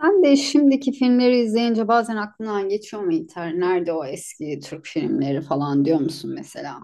Sen de şimdiki filmleri izleyince bazen aklından geçiyor mu, İlter? Nerede o eski Türk filmleri falan diyor musun mesela?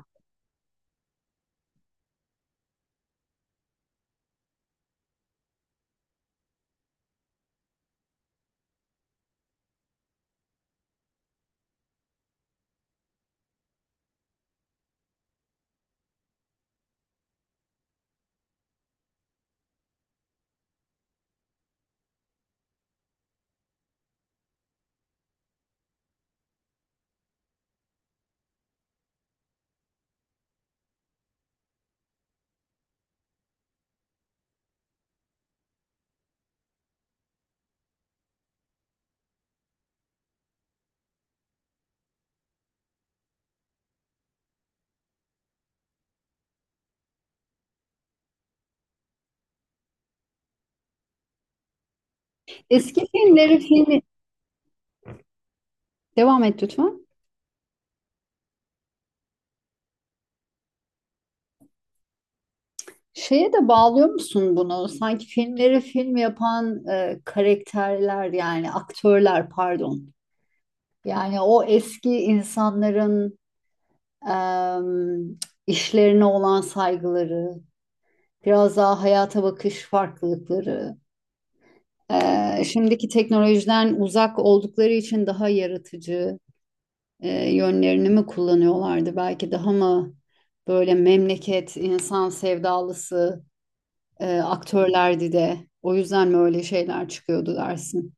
Eski filmleri filmi... Devam et lütfen. Şeye de bağlıyor musun bunu? Sanki filmleri film yapan karakterler, yani aktörler pardon. Yani o eski insanların e, işlerine olan saygıları, biraz daha hayata bakış farklılıkları. Şimdiki teknolojiden uzak oldukları için daha yaratıcı yönlerini mi kullanıyorlardı? Belki daha mı böyle memleket, insan sevdalısı aktörlerdi de o yüzden mi öyle şeyler çıkıyordu dersin?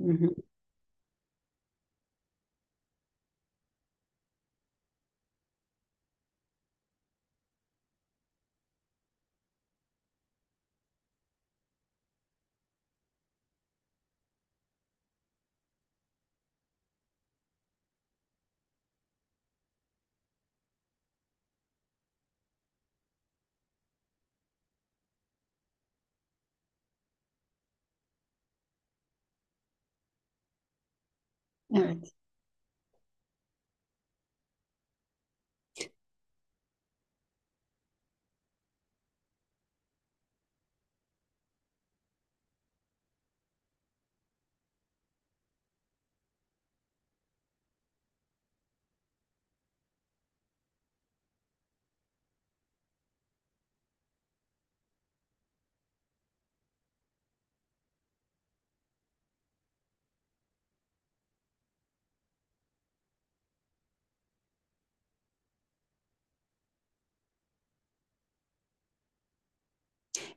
Hı hı. Evet.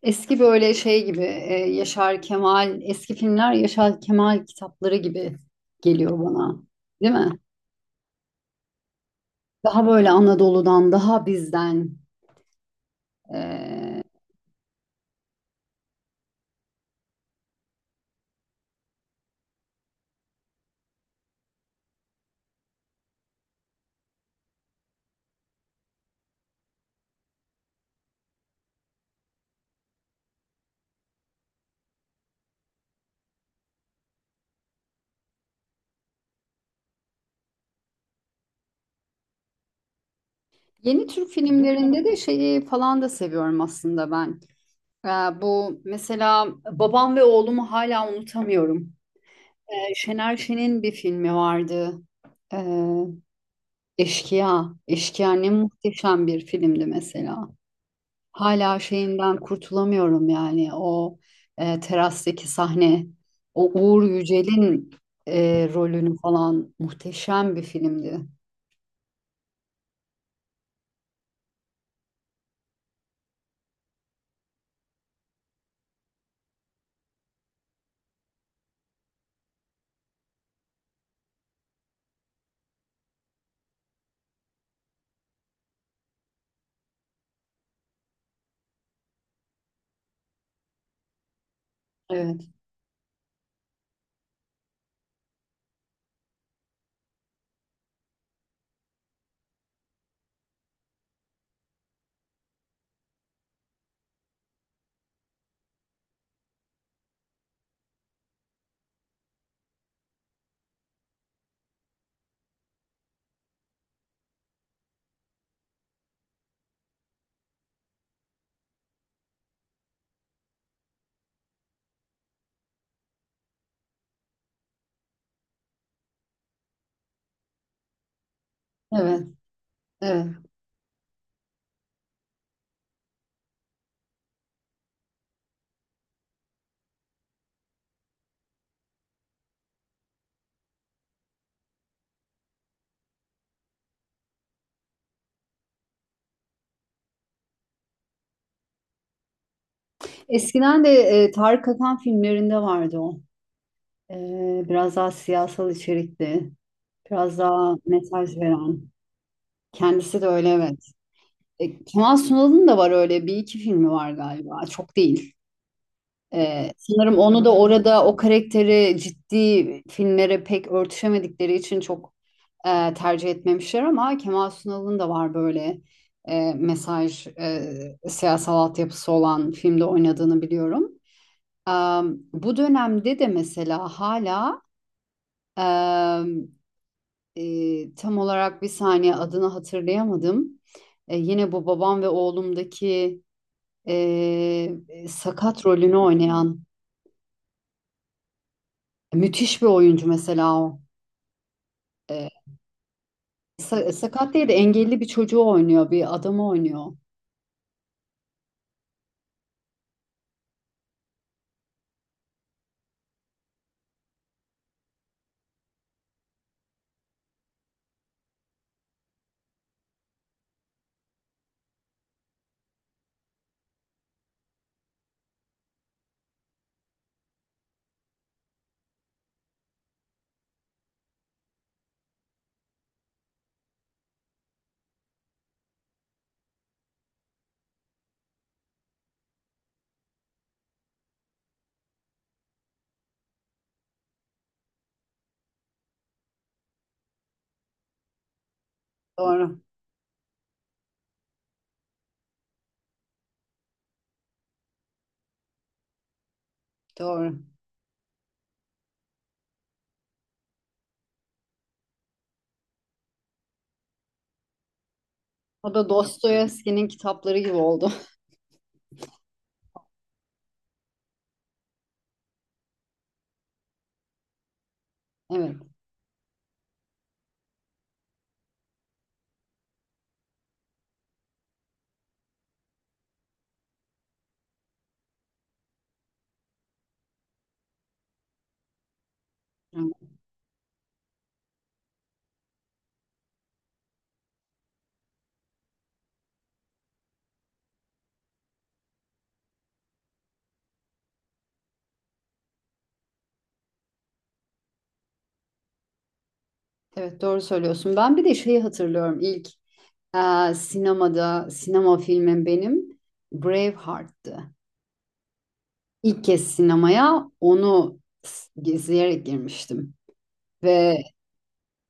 Eski böyle şey gibi Yaşar Kemal, eski filmler Yaşar Kemal kitapları gibi geliyor bana, değil mi? Daha böyle Anadolu'dan, daha bizden. e, Yeni Türk filmlerinde de şeyi falan da seviyorum aslında ben. Ee, Bu mesela Babam ve Oğlum'u hala unutamıyorum. Şener Şen'in bir filmi vardı. Ee, Eşkıya. Eşkıya ne muhteşem bir filmdi mesela. Hala şeyinden kurtulamıyorum, yani o terastaki sahne. O Uğur Yücel'in rolünü falan, muhteşem bir filmdi. Evet, evet, evet. Eskiden de Tarık Akan filmlerinde vardı o. E, Biraz daha siyasal içerikli, biraz daha mesaj veren. Kendisi de öyle, evet. E, Kemal Sunal'ın da var öyle bir iki filmi var galiba. Çok değil. Sanırım onu da, orada o karakteri ciddi filmlere pek örtüşemedikleri için çok tercih etmemişler, ama Kemal Sunal'ın da var böyle e, mesaj, e, siyasal altyapısı olan filmde oynadığını biliyorum. Bu dönemde de mesela hala em, tam olarak bir saniye adını hatırlayamadım. Yine bu Babam ve Oğlum'daki e, sakat rolünü oynayan müthiş bir oyuncu mesela o. E, sakat değil de engelli bir çocuğu oynuyor, bir adamı oynuyor. Doğru, doğru. O da Dostoyevski'nin kitapları gibi oldu. Evet. Evet, evet, doğru söylüyorsun. Ben bir de şeyi hatırlıyorum. İlk sinemada sinema filmim benim Braveheart'tı. İlk kez sinemaya onu izleyerek girmiştim. Ve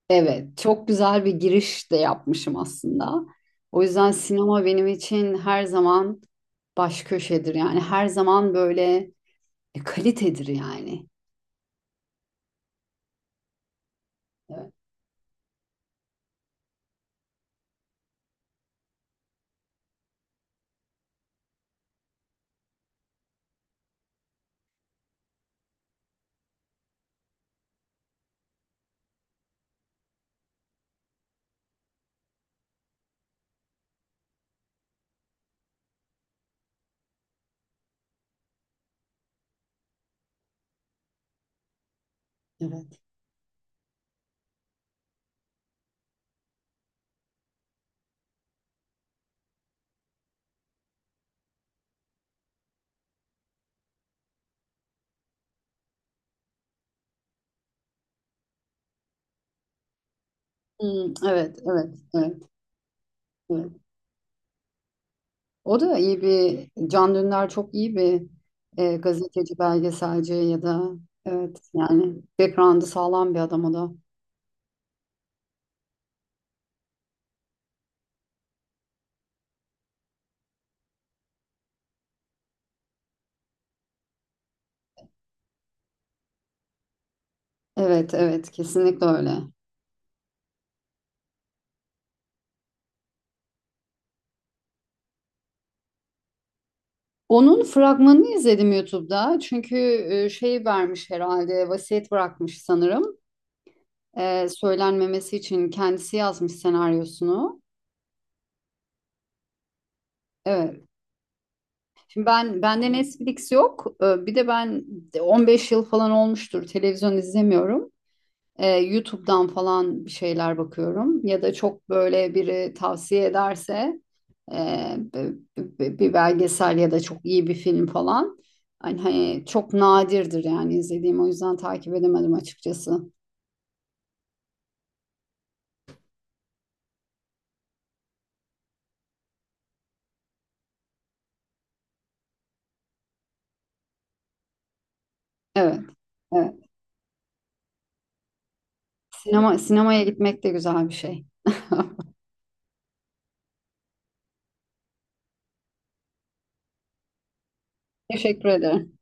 evet, çok güzel bir giriş de yapmışım aslında. O yüzden sinema benim için her zaman baş köşedir. Yani her zaman böyle kalitedir yani. Evet. Evet. Hmm, evet, evet, evet. Hı. O da iyi bir, Can Dündar çok iyi bir gazeteci, belgeselci ya da evet, yani background'ı sağlam bir adam o da. Evet, evet, kesinlikle öyle. Onun fragmanını izledim YouTube'da, çünkü şey vermiş herhalde, vasiyet bırakmış sanırım. Söylenmemesi için kendisi yazmış senaryosunu. Evet. Şimdi ben, bende Netflix yok. Bir de ben 15 yıl falan olmuştur televizyon izlemiyorum. YouTube'dan falan bir şeyler bakıyorum, ya da çok böyle biri tavsiye ederse e, b- bir belgesel ya da çok iyi bir film falan, hani çok nadirdir yani izlediğim, o yüzden takip edemedim açıkçası. Evet, evet. Sinema sinemaya gitmek de güzel bir şey. Teşekkür ederim.